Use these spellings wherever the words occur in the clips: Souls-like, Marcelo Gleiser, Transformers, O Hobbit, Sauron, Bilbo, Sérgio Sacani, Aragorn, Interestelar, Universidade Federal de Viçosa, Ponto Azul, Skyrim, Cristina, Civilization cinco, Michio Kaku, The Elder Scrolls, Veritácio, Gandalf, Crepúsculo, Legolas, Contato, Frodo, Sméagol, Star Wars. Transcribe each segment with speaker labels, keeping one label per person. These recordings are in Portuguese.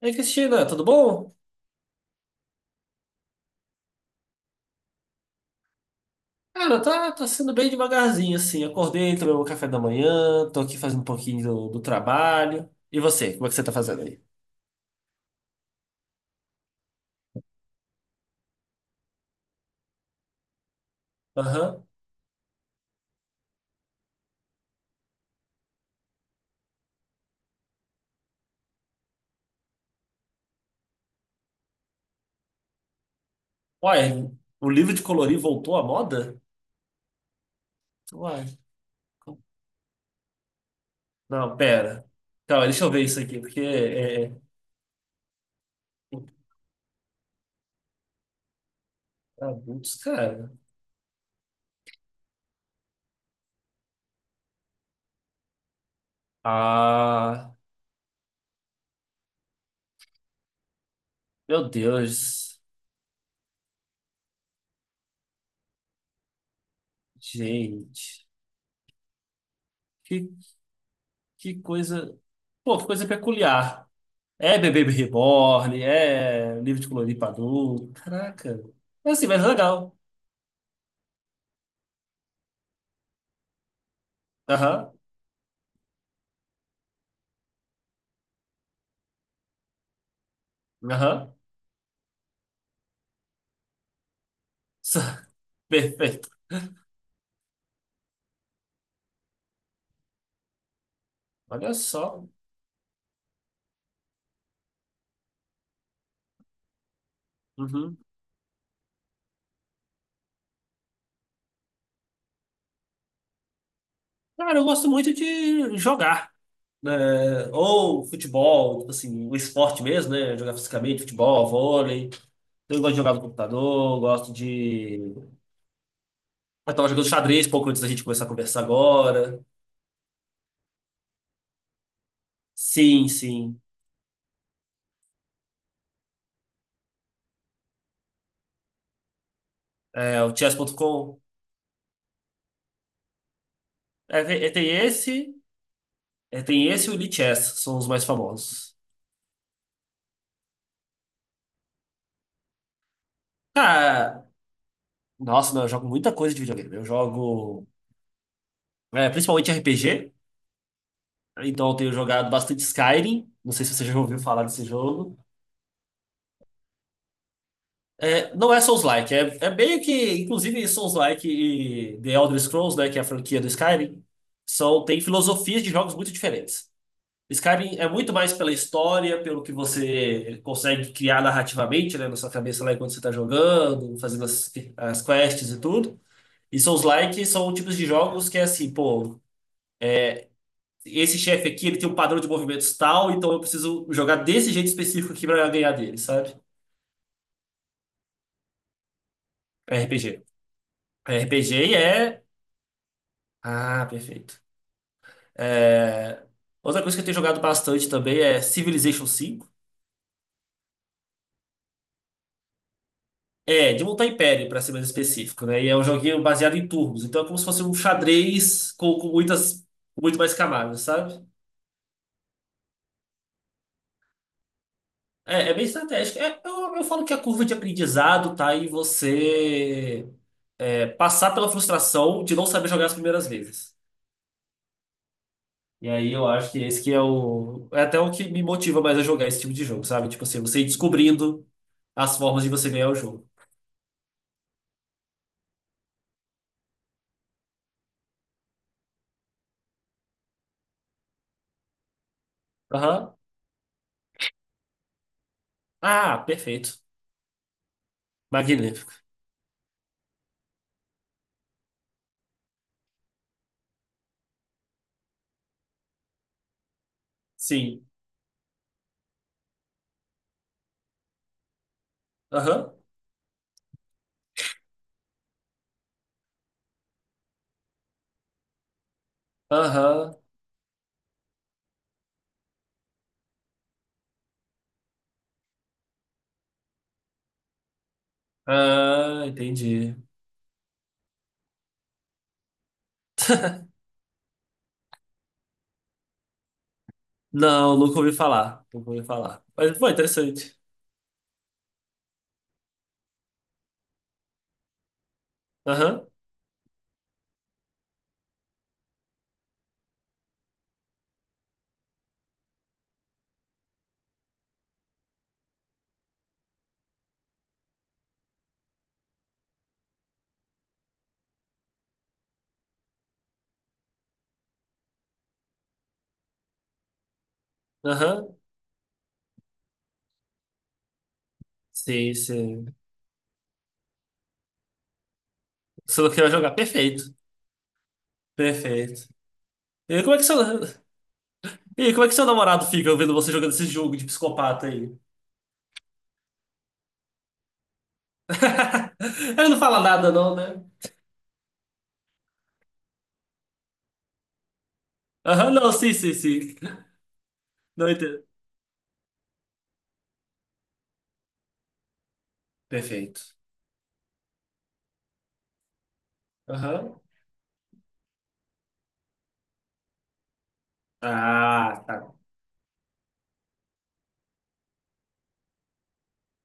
Speaker 1: Ei, Cristina, tudo bom? Cara, tá sendo bem devagarzinho, assim. Acordei, tomei meu café da manhã, tô aqui fazendo um pouquinho do trabalho. E você, como é que você tá fazendo aí? Aham. Uai, o livro de colorir voltou à moda? Uai. como- Não, pera. Calma, deixa eu ver isso aqui, porque é adultos, cara. Ah, meu Deus. Gente, que, que coisa. Pô, que coisa peculiar. É bebê reborn, é livro de colorir pra adulto. Caraca. É assim, mas legal. Aham, aham. Perfeito. Olha só. Uhum. Cara, eu gosto muito de jogar, né? Ou futebol, tipo assim, o esporte mesmo, né? Jogar fisicamente, futebol, vôlei. Eu gosto de jogar no computador, gosto de. Eu tava jogando xadrez pouco antes da gente começar a conversar agora. Sim, sim. É, o chess.com. É, tem esse. É, tem esse e o Lee Chess, são os mais famosos. Ah, nossa, não, eu jogo muita coisa de videogame. Eu jogo, principalmente RPG, então eu tenho jogado bastante Skyrim. Não sei se você já ouviu falar desse jogo. É, não é Souls-like, é meio que, inclusive, Souls-like e The Elder Scrolls, né, que é a franquia do Skyrim, são, tem filosofias de jogos muito diferentes. Skyrim é muito mais pela história, pelo que você consegue criar narrativamente, né, na sua cabeça lá enquanto você está jogando, fazendo as quests e tudo. E Souls-like são tipos de jogos que é assim, pô, esse chefe aqui, ele tem um padrão de movimentos tal, então eu preciso jogar desse jeito específico aqui pra ganhar dele, sabe? RPG. RPG é. Ah, perfeito. É... Outra coisa que eu tenho jogado bastante também é Civilization 5. É, de montar império, pra ser mais específico, né? E é um joguinho baseado em turnos, então é como se fosse um xadrez com muito mais camadas, sabe? É bem estratégico. É, eu falo que a curva de aprendizado tá em você passar pela frustração de não saber jogar as primeiras vezes. E aí eu acho que esse que é o. É até o que me motiva mais a jogar esse tipo de jogo, sabe? Tipo assim, você ir descobrindo as formas de você ganhar o jogo. Aham. Ah, perfeito. Magnífico. Sim. Aham. Aham. Ah, entendi. Não, nunca ouvi falar. Nunca ouvi falar. Mas foi interessante. Aham. Aham. Sim, sim. Solo Kill vai jogar. Perfeito. Perfeito. E como é que seu, e como é que seu namorado fica ouvindo você jogando esse jogo de psicopata aí? Ele não fala nada, não, né? Aham, não, sim, sim, sim. Não entendo. Perfeito. Aham. Ah, tá.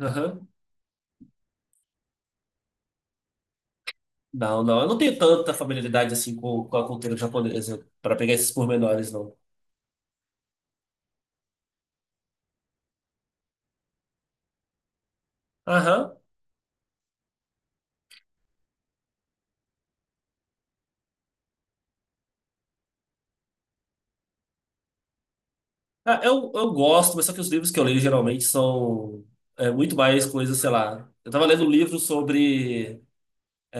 Speaker 1: Aham. Não, não, eu não tenho tanta familiaridade assim com a cultura japonesa para pegar esses pormenores, não. Aham. Ah, eu gosto, mas só que os livros que eu leio geralmente são muito mais coisas, sei lá. Eu tava lendo um livro sobre,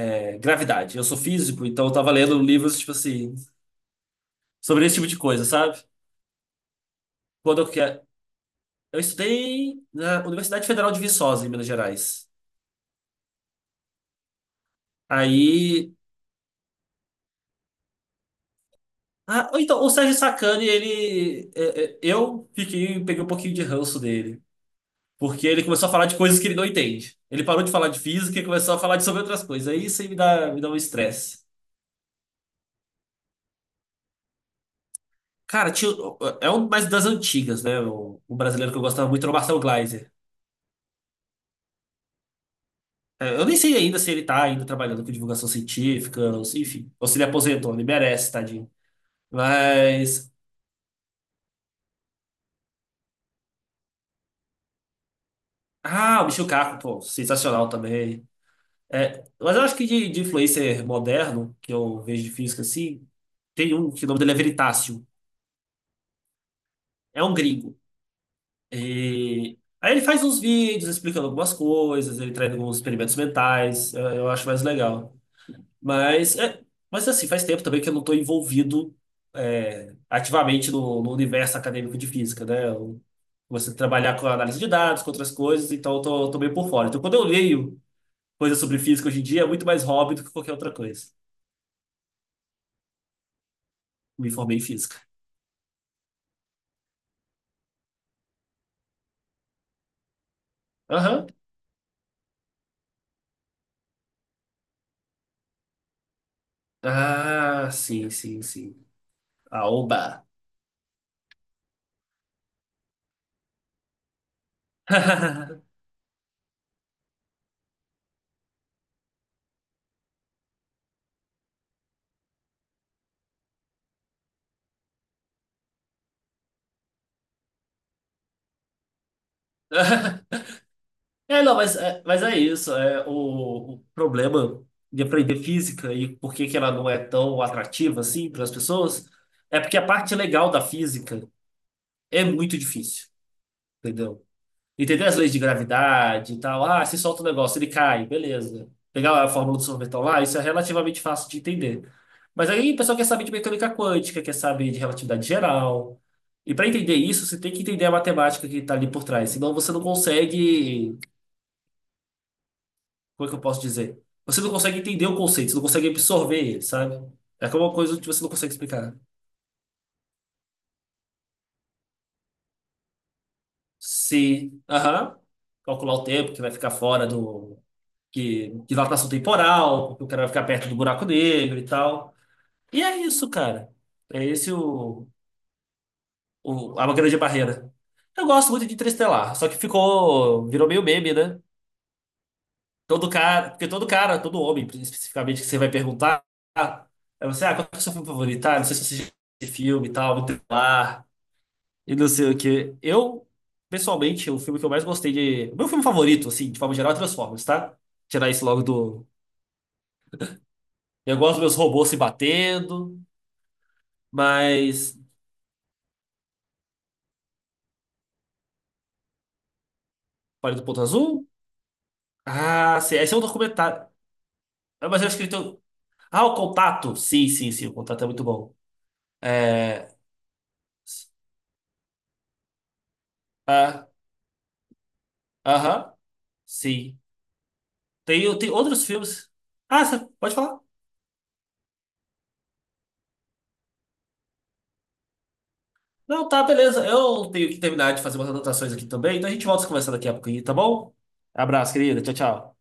Speaker 1: gravidade. Eu sou físico, então eu tava lendo livros, tipo assim, sobre esse tipo de coisa, sabe? Quando eu que- Eu estudei na Universidade Federal de Viçosa, em Minas Gerais. Aí. Ah, ou então, o Sérgio Sacani, ele. Eu fiquei, peguei um pouquinho de ranço dele. Porque ele começou a falar de coisas que ele não entende. Ele parou de falar de física e começou a falar de sobre outras coisas. Aí isso aí me dá um estresse. Cara, tinha, é um mais das antigas, né? O brasileiro que eu gostava muito era o Marcelo Gleiser. É, eu nem sei ainda se ele tá ainda trabalhando com divulgação científica, ou se- enfim. Ou se ele aposentou, ele merece, tadinho. Mas. Ah, o Michio Kaku, pô, sensacional também. É, mas eu acho que de influencer moderno, que eu vejo de física assim, tem um que o nome dele é Veritácio. É um gringo. E aí ele faz uns vídeos explicando algumas coisas, ele traz alguns experimentos mentais. Eu acho mais legal. Mas, é, mas assim, faz tempo também que eu não estou envolvido, ativamente no universo acadêmico de física, né? Eu comecei a trabalhar com análise de dados, com outras coisas, então eu tô meio por fora. Então, quando eu leio coisas sobre física hoje em dia, é muito mais hobby do que qualquer outra coisa. Me formei em física. Aham. Ah, sim, sim, sim. Aoba. É, não, mas é isso. É, o problema de aprender física e por que que ela não é tão atrativa assim para as pessoas é porque a parte legal da física é muito difícil, entendeu? Entender as leis de gravidade e tal. Ah, se solta o negócio, ele cai, beleza. Pegar a fórmula do sorvetão lá, isso é relativamente fácil de entender. Mas aí o pessoal quer saber de mecânica quântica, quer saber de relatividade geral. E para entender isso, você tem que entender a matemática que está ali por trás, senão você não consegue. Como é que eu posso dizer? Você não consegue entender o conceito, você não consegue absorver ele, sabe? É como uma coisa que você não consegue explicar. Se, aham, calcular o tempo que vai ficar fora do. Que, dilatação temporal, porque o cara vai ficar perto do buraco negro e tal. E é isso, cara. É esse a grande barreira. Eu gosto muito de Interestelar, só que ficou, virou meio meme, né? Porque todo cara, todo homem, especificamente, que você vai perguntar, ah, ah, qual que é o seu filme favorito? Ah, não sei se você já viu esse filme e tal, muito lá e não sei o quê. Eu, pessoalmente, o filme que eu mais gostei de. O meu filme favorito, assim, de forma geral, é Transformers, tá? Tirar isso logo do. Eu gosto dos meus robôs se batendo, mas. Pare do Ponto Azul? Ah, sim, esse é um documentário. Ah, mas eu acho que ele tem. Ah, o Contato? Sim, sim, sim, o Contato é muito bom. É. Ah, aham, sim. Tem outros filmes. Ah, você pode falar? Não, tá, beleza. Eu tenho que terminar de fazer umas anotações aqui também, então a gente volta a conversar daqui a pouquinho, tá bom? Abraço, querida. Tchau, tchau.